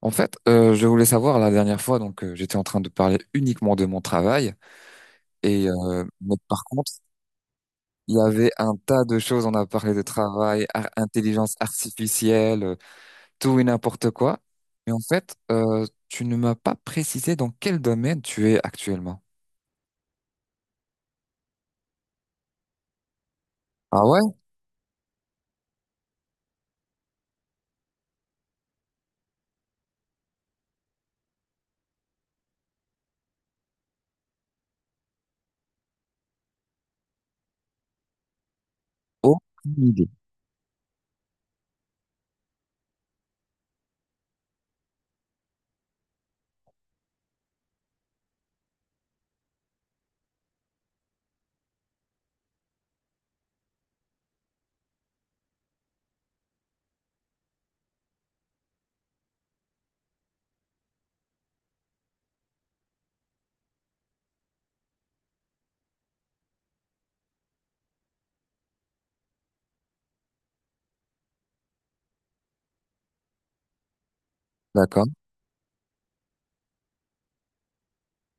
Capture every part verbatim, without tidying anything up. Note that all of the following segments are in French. En fait, euh, je voulais savoir la dernière fois, donc euh, j'étais en train de parler uniquement de mon travail, et euh, mais par contre, il y avait un tas de choses. On a parlé de travail, ar- intelligence artificielle, euh, tout et n'importe quoi. Mais en fait, euh, tu ne m'as pas précisé dans quel domaine tu es actuellement. Ah ouais? Aucune idée. D'accord,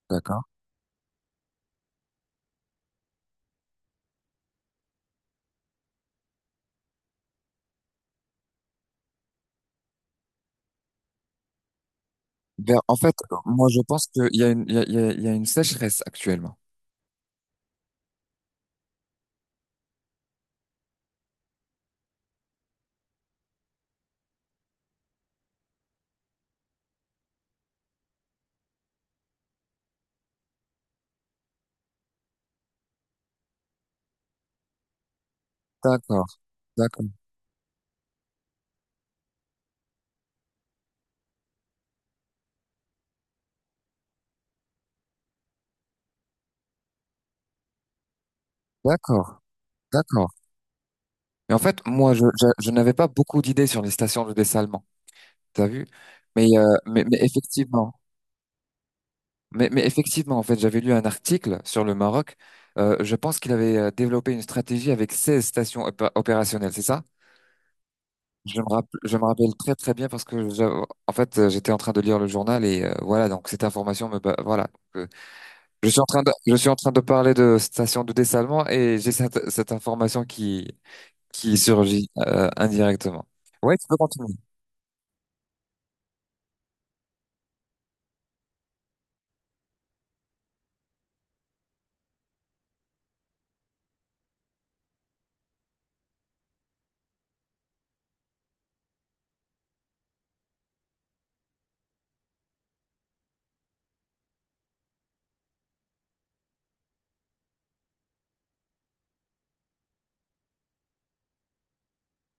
d'accord. Ben, en fait, moi je pense qu'il y a une, il y a, il y a il y a une sécheresse actuellement. D'accord, d'accord, d'accord, d'accord. Mais en fait, moi, je, je, je n'avais pas beaucoup d'idées sur les stations de dessalement. T'as vu? Mais, euh, mais, mais effectivement, mais, mais effectivement, en fait, j'avais lu un article sur le Maroc. Euh, je pense qu'il avait euh, développé une stratégie avec seize stations opé- opérationnelles, c'est ça? Je me rappelle, je me rappelle très très bien parce que j'a- en fait, euh, j'étais en train de lire le journal et euh, voilà, donc cette information me ba- voilà. Euh, Je suis en train de, je suis en train de parler de stations de dessalement et j'ai cette, cette information qui qui surgit euh, indirectement. Ouais, tu peux continuer.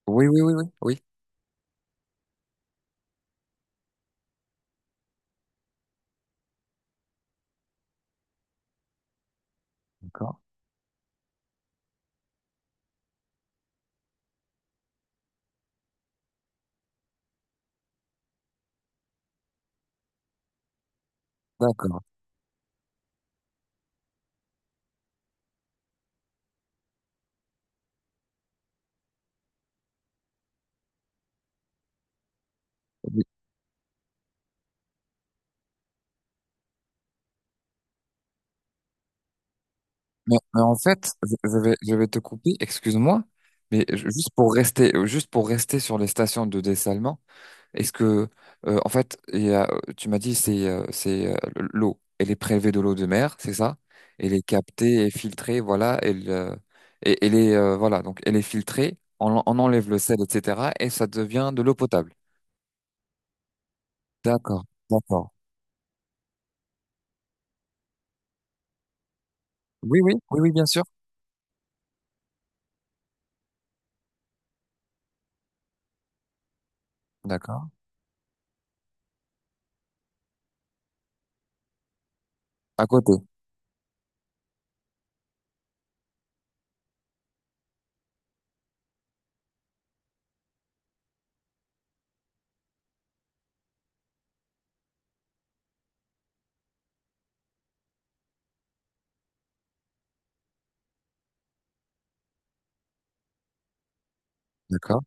Oui, oui, oui, oui, oui. D'accord. D'accord. Oui. Mais, mais en fait, je je vais, je vais te couper, excuse-moi, mais je- juste pour rester, euh, juste pour rester sur les stations de dessalement, est-ce que, euh, en fait, il y a, euh, tu m'as dit, c'est, euh, c'est euh, l'eau, elle est prélevée de l'eau de mer, c'est ça? Elle est captée et filtrée, voilà, elle, euh, et- elle est, euh, voilà, donc elle est filtrée, on, en- on enlève le sel, et cetera, et ça devient de l'eau potable. D'accord, d'accord. Oui, oui, oui, oui, bien sûr. D'accord. À côté. D'accord,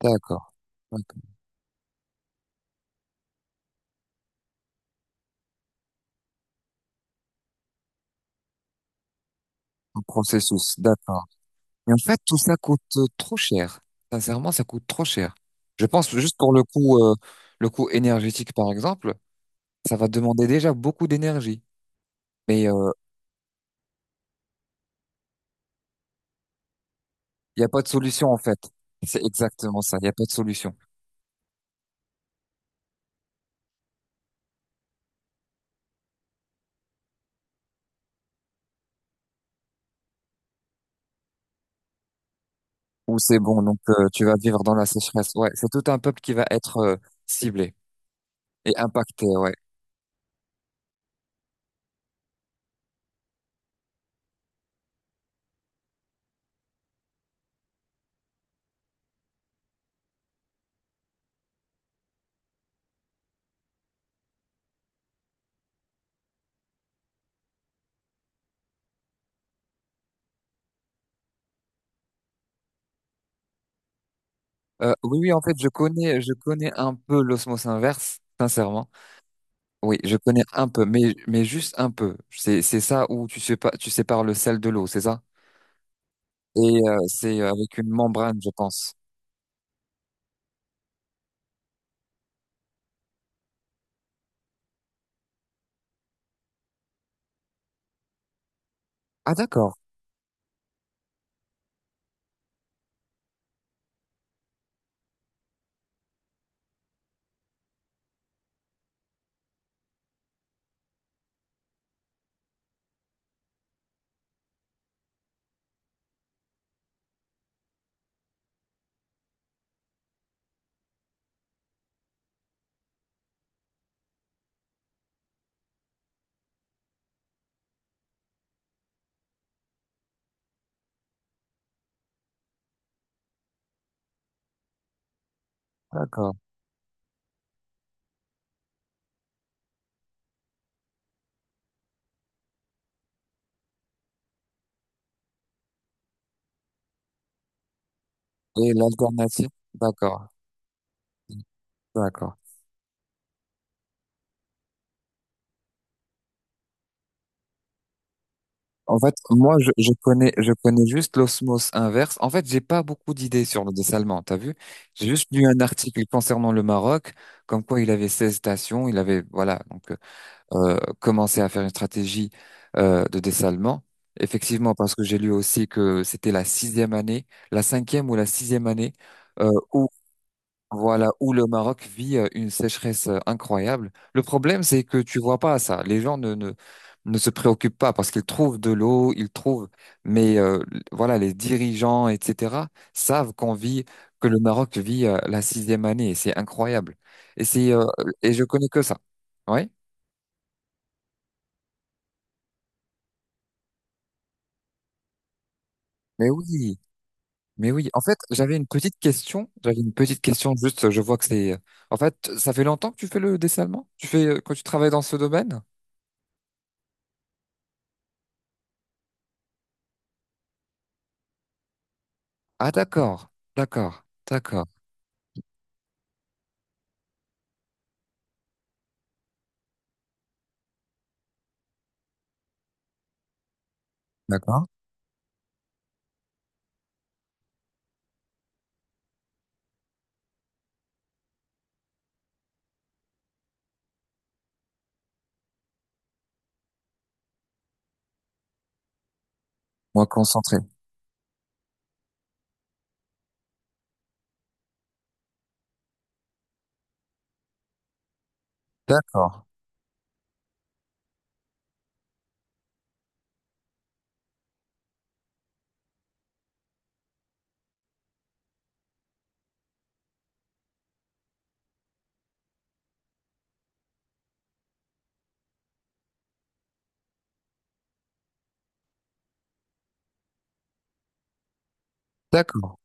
d'accord. Un processus, d'accord. Mais en fait, tout ça coûte euh, trop cher. Sincèrement, ça coûte trop cher. Je pense que juste pour le coût, euh, le coût énergétique, par exemple, ça va demander déjà beaucoup d'énergie. Mais euh, il n'y a pas de solution, en fait. C'est exactement ça, il n'y a pas de solution. Ou c'est bon, donc euh, tu vas vivre dans la sécheresse. Ouais, c'est tout un peuple qui va être euh, ciblé et impacté, ouais. Euh, oui, oui, en fait, je connais, je connais un peu l'osmose inverse, sincèrement. Oui, je connais un peu, mais, mais juste un peu. C'est, c'est ça où tu sépares, tu sépares le sel de l'eau, c'est ça? Et euh, c'est euh, avec une membrane, je pense. Ah, d'accord, d'accord. Et l'alternative? D'accord, d'accord. En fait, moi, je, je connais, je connais juste l'osmose inverse. En fait, j'ai pas beaucoup d'idées sur le dessalement, t'as vu? J'ai juste lu un article concernant le Maroc, comme quoi il avait seize stations, il avait, voilà. Donc, euh, euh, commencer à faire une stratégie euh, de dessalement. Effectivement, parce que j'ai lu aussi que c'était la sixième année, la cinquième ou la sixième année euh, où voilà où le Maroc vit euh, une sécheresse euh, incroyable. Le problème, c'est que tu vois pas ça. Les gens ne ne ne se préoccupent pas parce qu'ils trouvent de l'eau, ils trouvent. Mais euh, voilà, les dirigeants, et cetera, savent qu'on vit que le Maroc vit euh, la sixième année. Et c'est incroyable. Et c'est euh, et je connais que ça. Oui, mais oui. Mais oui, en fait, j'avais une petite question. J'avais une petite question, juste, je vois que c'est... En fait, ça fait longtemps que tu fais le dessin allemand? Tu fais, euh, quand tu travailles dans ce domaine? Ah, d'accord, d'accord, d'accord, d'accord. Moi, concentré. D'accord, d'accord.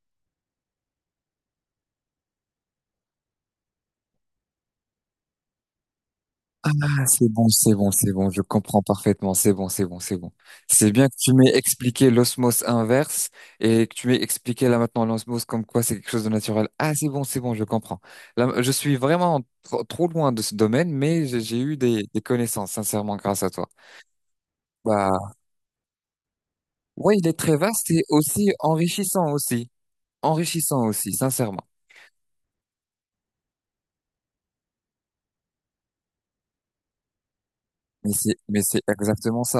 Ah, c'est bon, c'est bon, c'est bon, je comprends parfaitement, c'est bon, c'est bon, c'est bon. C'est bien que tu m'aies expliqué l'osmose inverse et que tu m'aies expliqué là maintenant l'osmose comme quoi c'est quelque chose de naturel. Ah, c'est bon, c'est bon, je comprends. Là, je suis vraiment trop, trop loin de ce domaine, mais j'ai j'ai eu des, des connaissances, sincèrement, grâce à toi. Bah, ouais, il est très vaste et aussi enrichissant aussi. Enrichissant aussi, sincèrement. Mais c'est, mais c'est exactement ça.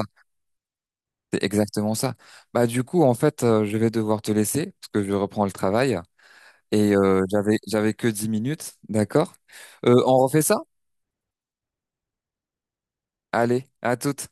C'est exactement ça. Bah, du coup, en fait, euh, je vais devoir te laisser parce que je reprends le travail. Et euh, j'avais j'avais que dix minutes, d'accord? Euh, on refait ça? Allez, à toutes.